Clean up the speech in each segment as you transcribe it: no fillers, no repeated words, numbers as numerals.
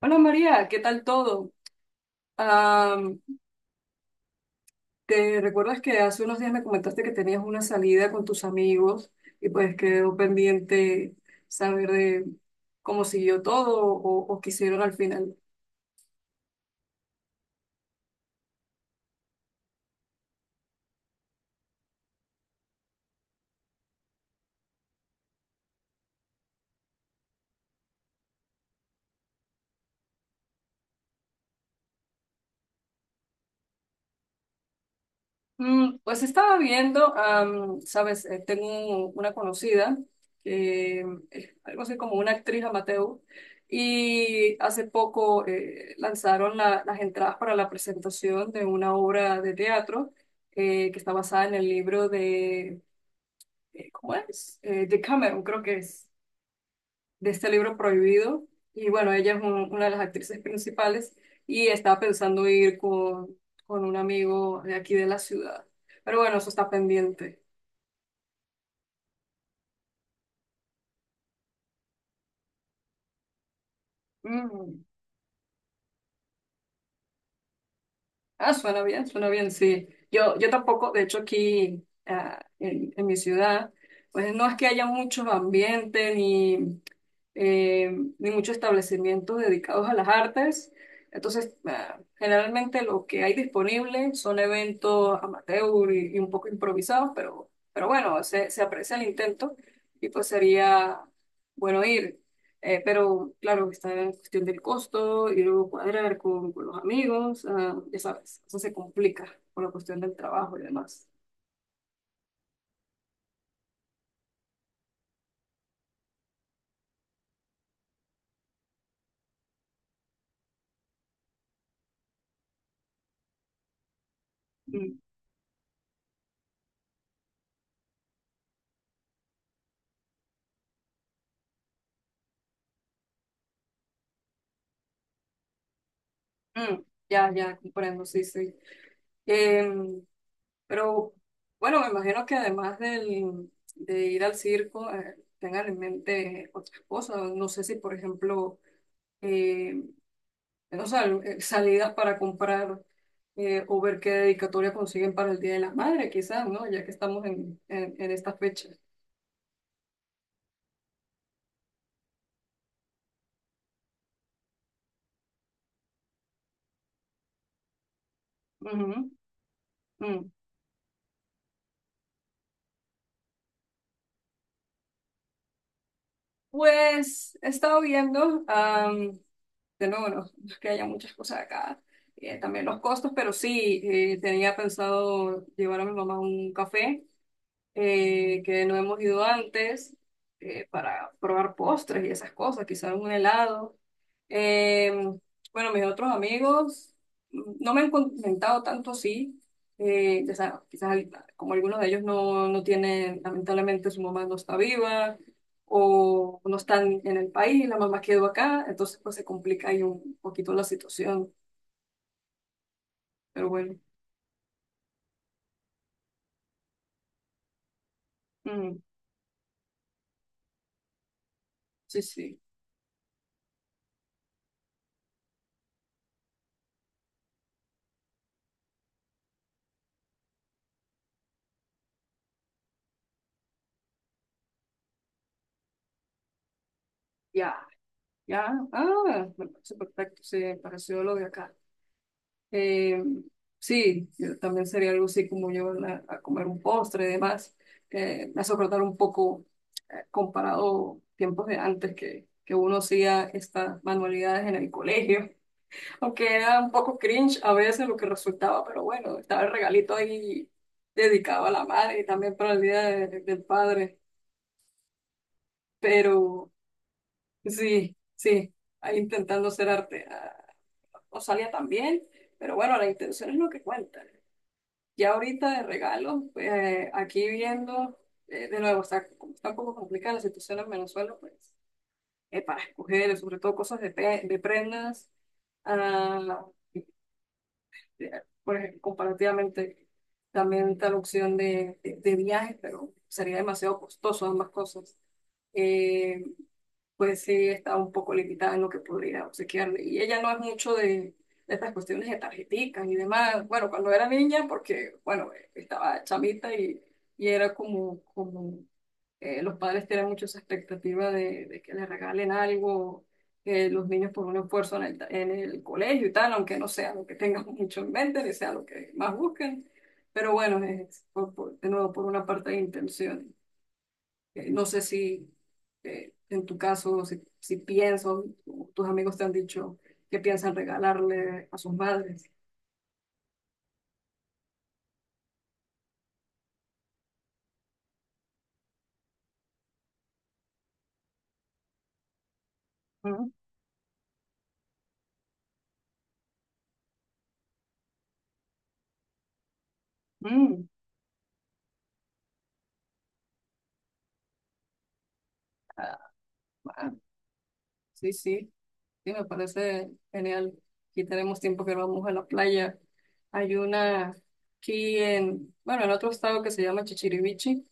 Hola María, ¿qué tal todo? Am, ¿Te recuerdas que hace unos días me comentaste que tenías una salida con tus amigos y pues quedó pendiente saber de cómo siguió todo o qué hicieron al final? Mm, pues estaba viendo, sabes, tengo una conocida que es algo así como una actriz amateur y hace poco lanzaron las entradas para la presentación de una obra de teatro que está basada en el libro de, ¿cómo es? De Cameron, creo que es de este libro prohibido. Y bueno, ella es una de las actrices principales y estaba pensando ir con un amigo de aquí de la ciudad. Pero bueno, eso está pendiente. Mm. Ah, suena bien, sí. Yo tampoco, de hecho aquí ah, en mi ciudad, pues no es que haya muchos ambientes ni... eh, ni muchos establecimientos dedicados a las artes. Entonces, ah, generalmente lo que hay disponible son eventos amateur y un poco improvisados, pero bueno, se aprecia el intento y pues sería bueno ir. Pero claro, está en cuestión del costo y luego cuadrar con los amigos, ah, ya sabes, eso se complica por la cuestión del trabajo y demás. Mm, mm, ya, ya, comprendo, sí, sí. Em, pero bueno, me imagino que además de ir al circo, tengan en mente otras cosas. No sé si, por ejemplo, eh, no sé sea, salidas para comprar o ver qué dedicatoria consiguen para el Día de la Madre, quizás, ¿no? Ya que estamos en esta fecha. Ujú, mm. Pues he estado viendo, de nuevo, no, no es que haya muchas cosas acá, también los costos, pero sí, tenía pensado llevar a mi mamá un café que no hemos ido antes para probar postres y esas cosas, quizás un helado. Eh, bueno, mis otros amigos mm, no me han comentado tanto sí, ya sabes, quizás como algunos de ellos no, no tienen, lamentablemente su mamá no está viva o no están en el país, la mamá quedó acá, entonces pues se complica ahí un poquito la situación, pero bueno, mm, sí, sí, ya. Ya, ah, me parece perfecto, sí, me pareció lo de acá. Eh, sí, yo también sería algo así como llevarla a comer un postre y demás. Me hace acordar un poco comparado tiempos de antes que uno hacía estas manualidades en el colegio, aunque era un poco cringe a veces lo que resultaba, pero bueno, estaba el regalito ahí dedicado a la madre y también para el día del padre. Pero sí, sí, ahí intentando hacer arte. Ah, no salía tan bien, pero bueno, la intención es lo que cuenta. Ya ahorita de regalo, pues, aquí viendo, de nuevo, está un poco complicada la situación en Venezuela, pues, para escoger, sobre todo cosas de, de prendas, ah, eh, por ejemplo, comparativamente, también está la opción de viajes, pero sería demasiado costoso ambas cosas. Eh, pues sí estaba un poco limitada en lo que podría obsequiarle. Y ella no es mucho de estas cuestiones de tarjeticas y demás. Bueno, cuando era niña, porque, bueno, estaba chamita y era como, como los padres tienen mucho esa expectativa de que le regalen algo, que los niños por un esfuerzo en el colegio y tal, aunque no sea lo que tengan mucho en mente, ni sea lo que más busquen. Pero bueno, es por, de nuevo por una parte de intención. No sé si en tu caso, si, si pienso, o tus amigos te han dicho que piensan regalarle a sus madres. Ujú. Mm, ah, ah, sí, sí, sí, me parece genial. Aquí tenemos tiempo que no vamos a la playa. Hay una aquí en, bueno, en otro estado que se llama Chichirivichi,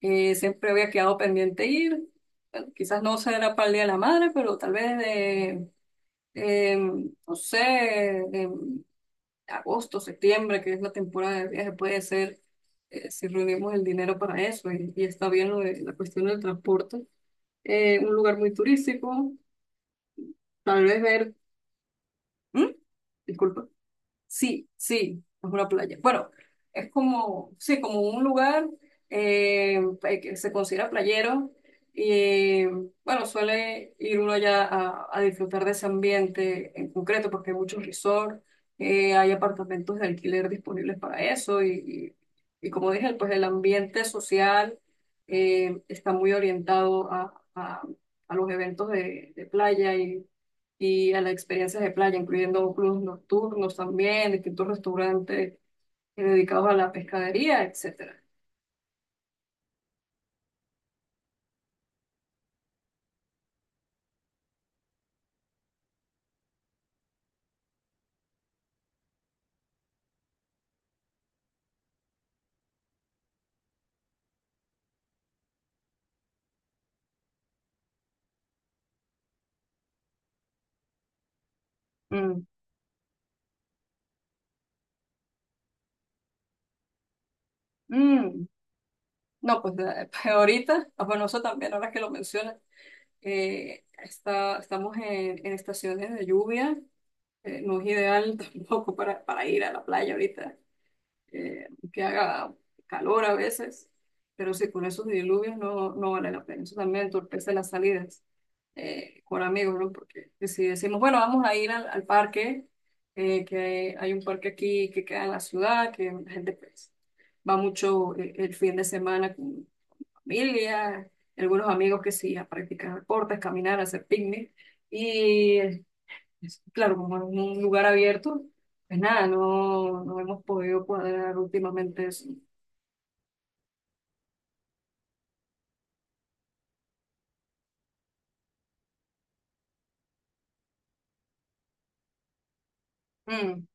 que siempre había quedado pendiente ir. Bueno, quizás no será para el Día de la Madre, pero tal vez de, no sé, em, agosto, septiembre, que es la temporada de viaje, puede ser si reunimos el dinero para eso y está bien lo de la cuestión del transporte. Un lugar muy turístico, tal vez ver, ¿Mm? Disculpa. Sí, sí, es una playa. Bueno, es como, sí, como un lugar eh, que se considera playero y bueno, suele ir uno allá a disfrutar de ese ambiente en concreto porque hay muchos resorts, hay apartamentos de alquiler disponibles para eso y, y como dije, pues el ambiente social está muy orientado a los eventos de playa y a las experiencias de playa, incluyendo clubes nocturnos también, distintos restaurantes dedicados a la pescadería, etcétera. Mm, mm. No, pues ahorita, ah, bueno, eso también, ahora que lo mencionas, está, estamos en estaciones de lluvia, no es ideal tampoco para, para ir a la playa ahorita. Que haga calor a veces, pero sí, con esos diluvios no, no vale la pena. Eso también entorpece las salidas con amigos, ¿no? Porque si decimos, bueno, vamos a ir al parque, que hay un parque aquí que queda en la ciudad, que la gente pues, va mucho el fin de semana con familia, algunos amigos que sí, a practicar deportes, caminar, hacer picnic. Y claro, como en un lugar abierto, pues nada, no, no hemos podido cuadrar últimamente eso. Mm,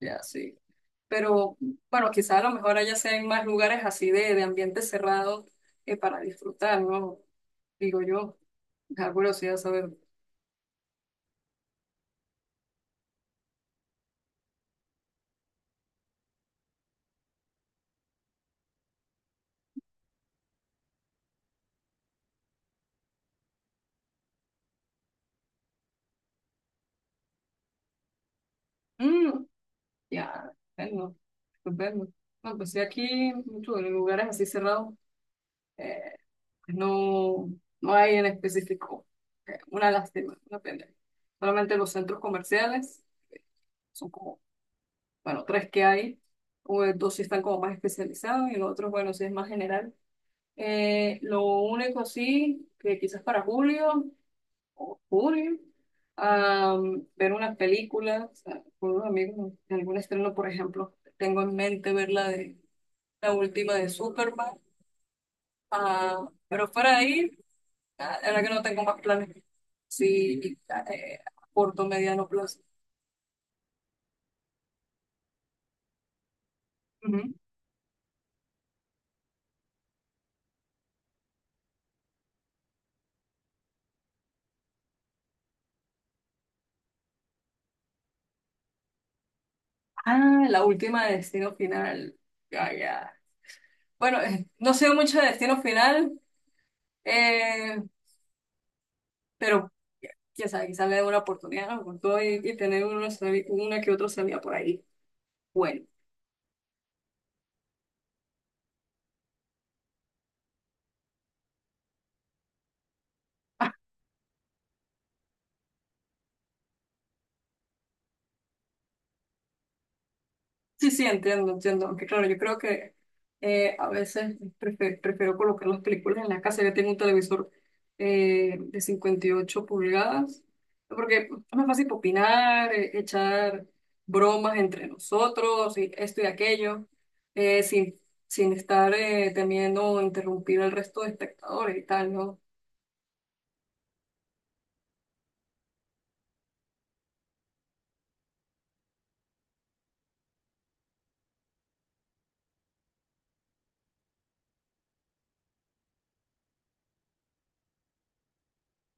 ya sí. Pero bueno, quizás a lo mejor allá sean más lugares así de ambiente cerrado para disfrutar, ¿no? Digo yo, da curiosidad saber. Mm, ya, bueno, pues bueno. No, pues sí, aquí mucho en lugares así cerrados eh, pues no, no hay en específico. Una lástima, una pena. Solamente los centros comerciales son como bueno, tres que hay, o, dos sí están como más especializados y los otros, bueno, sí es más general. Lo único sí, que quizás para julio o junio, ver una película, o sea, con unos amigos, algún estreno, por ejemplo, tengo en mente ver la de la última de Superman, ah, pero fuera de ahí, ah, la verdad que no tengo más planes, sí, a corto, mediano plazo. Ujú. Ah, la última de Destino Final. Ya, ya. Bueno, no sé mucho de Destino Final, eh, pero ya sabe, quizás le dé una oportunidad, ¿no? Con todo y tener uno una que otro salida por ahí. Bueno. Sí, sí, entiendo, entiendo. Aunque claro, yo creo que a veces prefiero, colocar las películas en la casa. Yo tengo un televisor de 58 pulgadas, porque es más fácil opinar, echar bromas entre nosotros y esto y aquello, sin, sin estar temiendo interrumpir al resto de espectadores y tal, ¿no?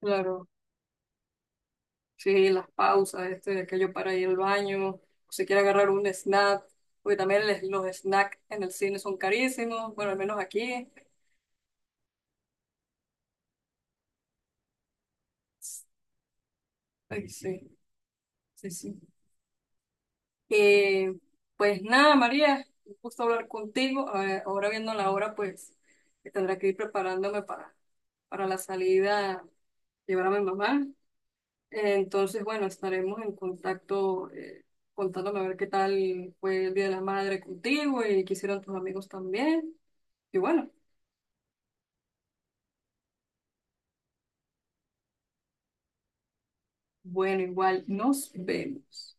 Claro. Sí, las pausas, este, aquello para ir al baño, o si quiere agarrar un snack, porque también los snacks en el cine son carísimos, bueno, al menos aquí. Ay, sí, sí, sí. Eh, pues nada, María, un gusto hablar contigo. A ahora viendo la hora, pues que tendré que ir preparándome para la salida, llevar a mi mamá. Entonces, bueno, estaremos en contacto, contándome a ver qué tal fue el Día de la Madre contigo y qué hicieron tus amigos también. Igual. Bueno, bueno, igual nos vemos.